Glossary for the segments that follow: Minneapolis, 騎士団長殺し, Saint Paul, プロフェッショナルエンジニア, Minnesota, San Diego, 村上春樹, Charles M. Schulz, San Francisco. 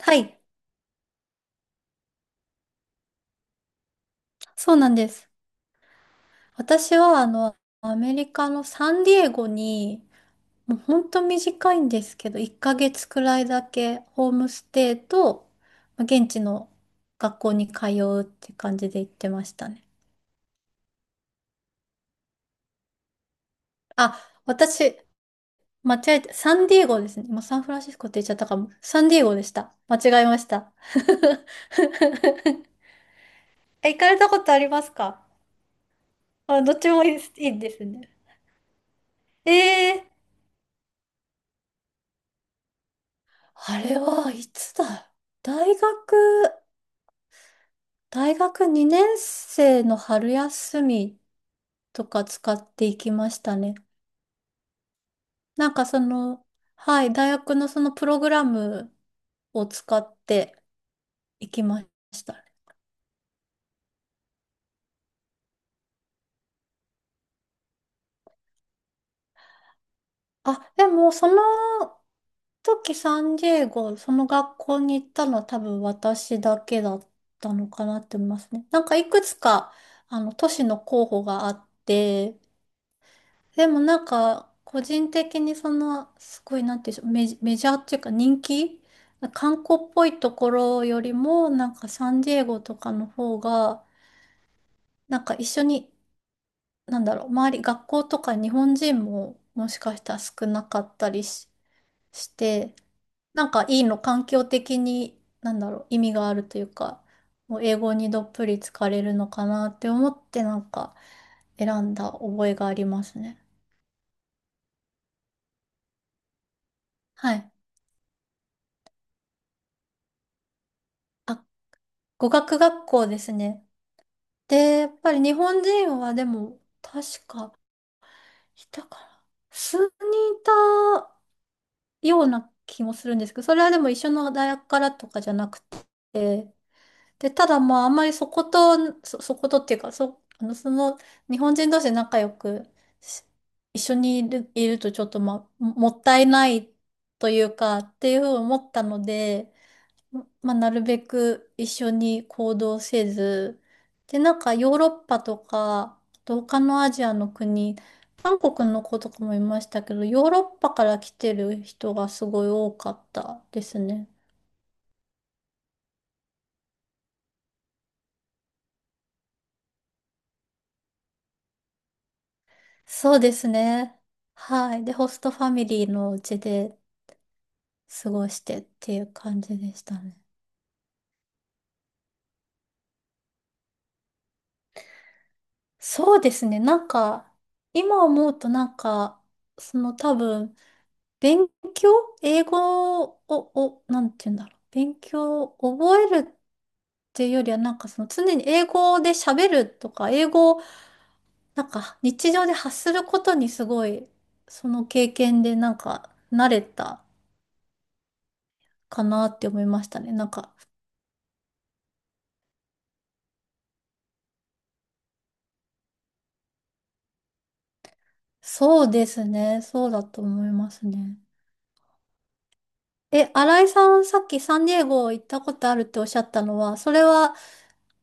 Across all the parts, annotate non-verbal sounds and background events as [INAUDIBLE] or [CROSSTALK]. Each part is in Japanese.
はい、そうなんです。私はアメリカのサンディエゴに、もうほんと短いんですけど1ヶ月くらいだけホームステイと、現地の学校に通うって感じで行ってましたね。あ、私間違えて、サンディエゴですね。今サンフランシスコって言っちゃったかも。サンディエゴでした。間違えました。[LAUGHS] え、行かれたことありますか？あ、どっちもいいですね。えーあれはいつだ。大学、大学2年生の春休みとか使っていきましたね。なんかその、はい、大学のそのプログラムを使っていきましたね。あ、でもその時サンディエゴ、その学校に行ったのは多分私だけだったのかなって思いますね。なんかいくつか、都市の候補があって、でもなんか、個人的にその、すごいなんていうんでしょう、メジャーっていうか、人気観光っぽいところよりも、なんかサンディエゴとかの方が、なんか一緒に、なんだろう、周り、学校とか日本人ももしかしたら少なかったりし、して、なんかいいの、環境的に、なんだろう、意味があるというか、もう英語にどっぷり浸かれるのかなって思って、なんか選んだ覚えがありますね。はい。あ、語学学校ですね。で、やっぱり日本人はでも、確か、いたから、数人いたような気もするんですけど、それはでも一緒の大学からとかじゃなくて、で、ただまあ、あんまりそこと、そことっていうか、そ、あの、その、日本人同士で仲良くし、一緒にいるとちょっと、まあ、もったいないというか、っていうふうに思ったので、まあ、なるべく一緒に行動せず、で、なんかヨーロッパとか、あと他のアジアの国、韓国の子とかもいましたけど、ヨーロッパから来てる人がすごい多かったですね。そうですね。はい。で、ホストファミリーのうちで過ごしてっていう感じでしたね。そうですね。なんか、今思うとなんか、その多分、勉強英語を、なんて言うんだろう。勉強を覚えるっていうよりは、なんかその常に英語で喋るとか、英語をなんか日常で発することにすごい、その経験でなんか慣れたかなって思いましたね。なんか、そうですね。そうだと思いますね。え、新井さん、さっきサンディエゴ行ったことあるっておっしゃったのは、それは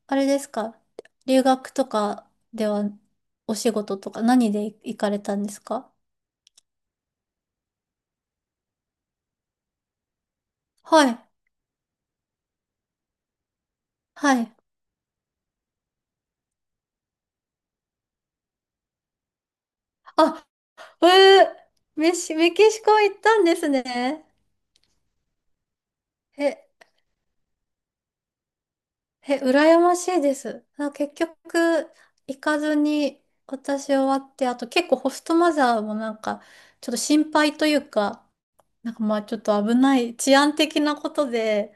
あれですか？留学とかでは、お仕事とか何で行かれたんですか？はい。はい。あ、えー、メキシコ行ったんですね。え、え、羨ましいです。あ、結局、行かずに私終わって、あと結構ホストマザーもなんか、ちょっと心配というか、なんかまあちょっと危ない、治安的なことで、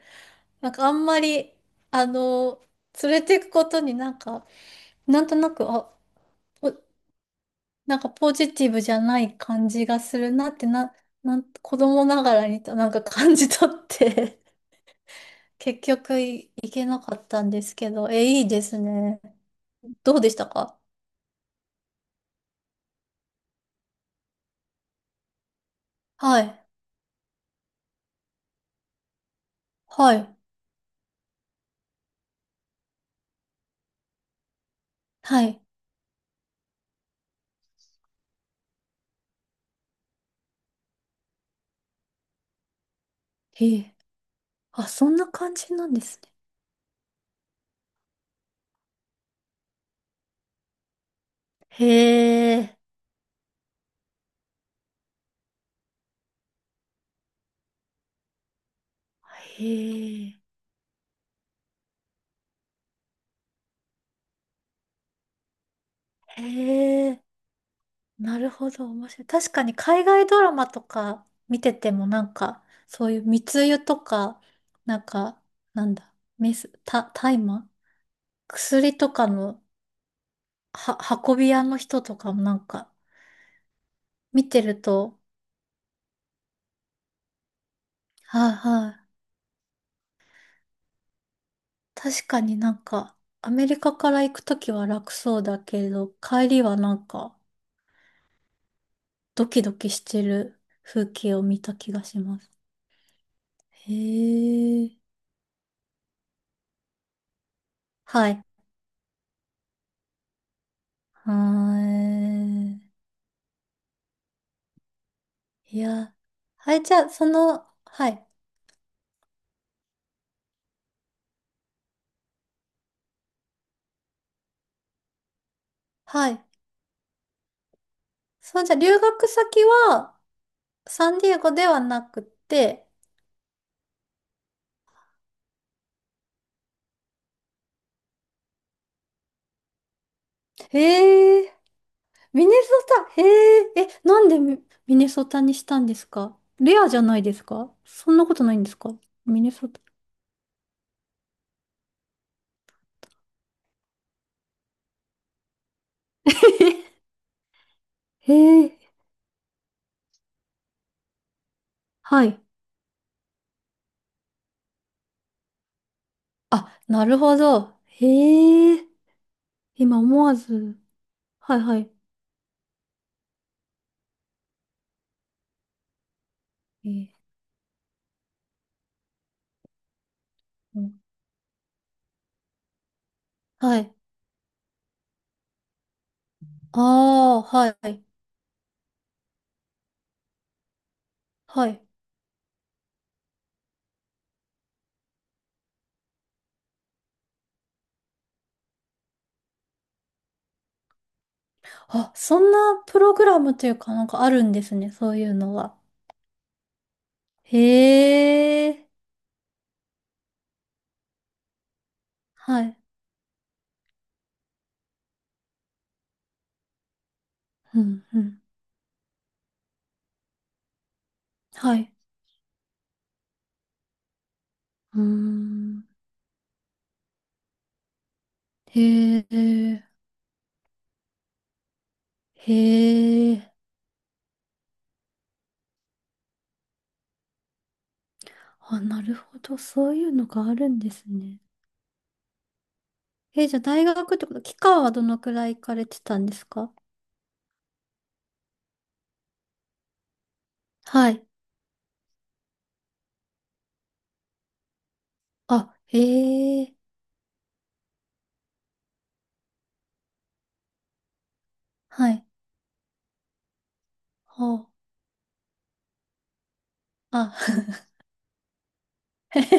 なんかあんまり、あの、連れていくことになんか、なんとなく、おなんかポジティブじゃない感じがするなって、な、なん、子供ながらにとなんか感じ取って、 [LAUGHS] 結局、いけなかったんですけど、え、いいですね。どうでしたか？はい。はい。はい。へえ。あ、そんな感じなんですね。へえ。へえ。へえ。なるほど、面白い。確かに海外ドラマとか見ててもなんか、そういう密輸とか、なんか、なんだ、メス、た、大麻薬とかのは、運び屋の人とかもなんか、見てると、はいはい。確かになんか、アメリカから行くときは楽そうだけれど、帰りはなんか、ドキドキしてる風景を見た気がします。へえ。はい。はーい。いや、はい、じゃあ、その、はい、はい。そう、じゃあ、留学先は、サンディエゴではなくて、えー、ミ、ネソタ、へえ、え、なんでミネソタにしたんですか？レアじゃないですか？そんなことないんですか？ミネソタ。[LAUGHS] へえ、はい。あ、なるほど。へえ、今思わず、はいはい。えーうん、はい。ああ、はい、はい。あ、そんなプログラムというかなんかあるんですね、そういうのは。へえ、はい。うん、うん。はい。うーん。へえ、へえ。あ、なるほど。そういうのがあるんですね。え、じゃあ大学ってこと、期間はどのくらい行かれてたんですか？はい。あ、へえ、はい。ほう。あ、[LAUGHS]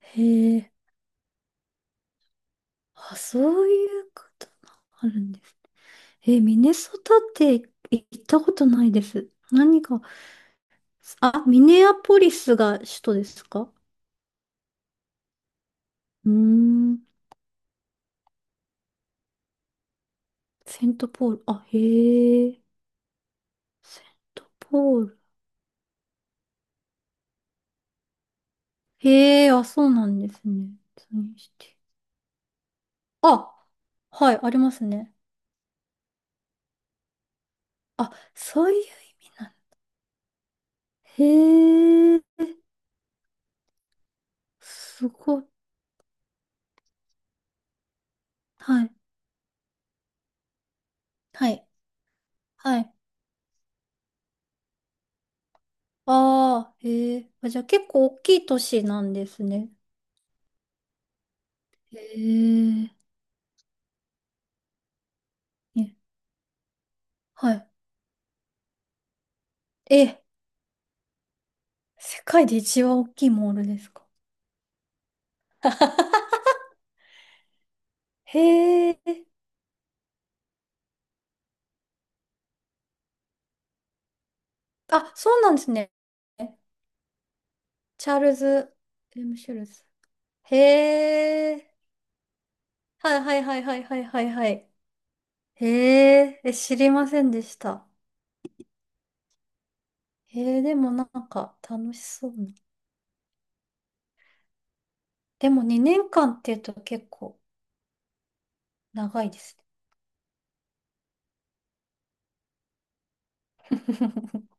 へえ。あ、そういうことがあるんですね。ミネソタって行ったことないです。何か、あ、ミネアポリスが首都ですか？うーん、セントポール。あ、へえ、セントポール。へえ、あ、そうなんですね。次して。あ、はい、ありますね。あ、そういう意味なんだ。へえ、すごい。はい、はい、はい。ああ、へえ。あ、じゃあ結構大きい都市なんですね。へえ、え、はい。え、世界で一番大きいモールですか？ [LAUGHS] へえ、あ、そうなんですね。チャールズ・エム・シュルズ。へえ、はいはいはいはいはいはいはい。へえ、え、知りませんでした。へえ、でもなんか楽しそうな。でも2年間っていうと結構長いですね。[LAUGHS]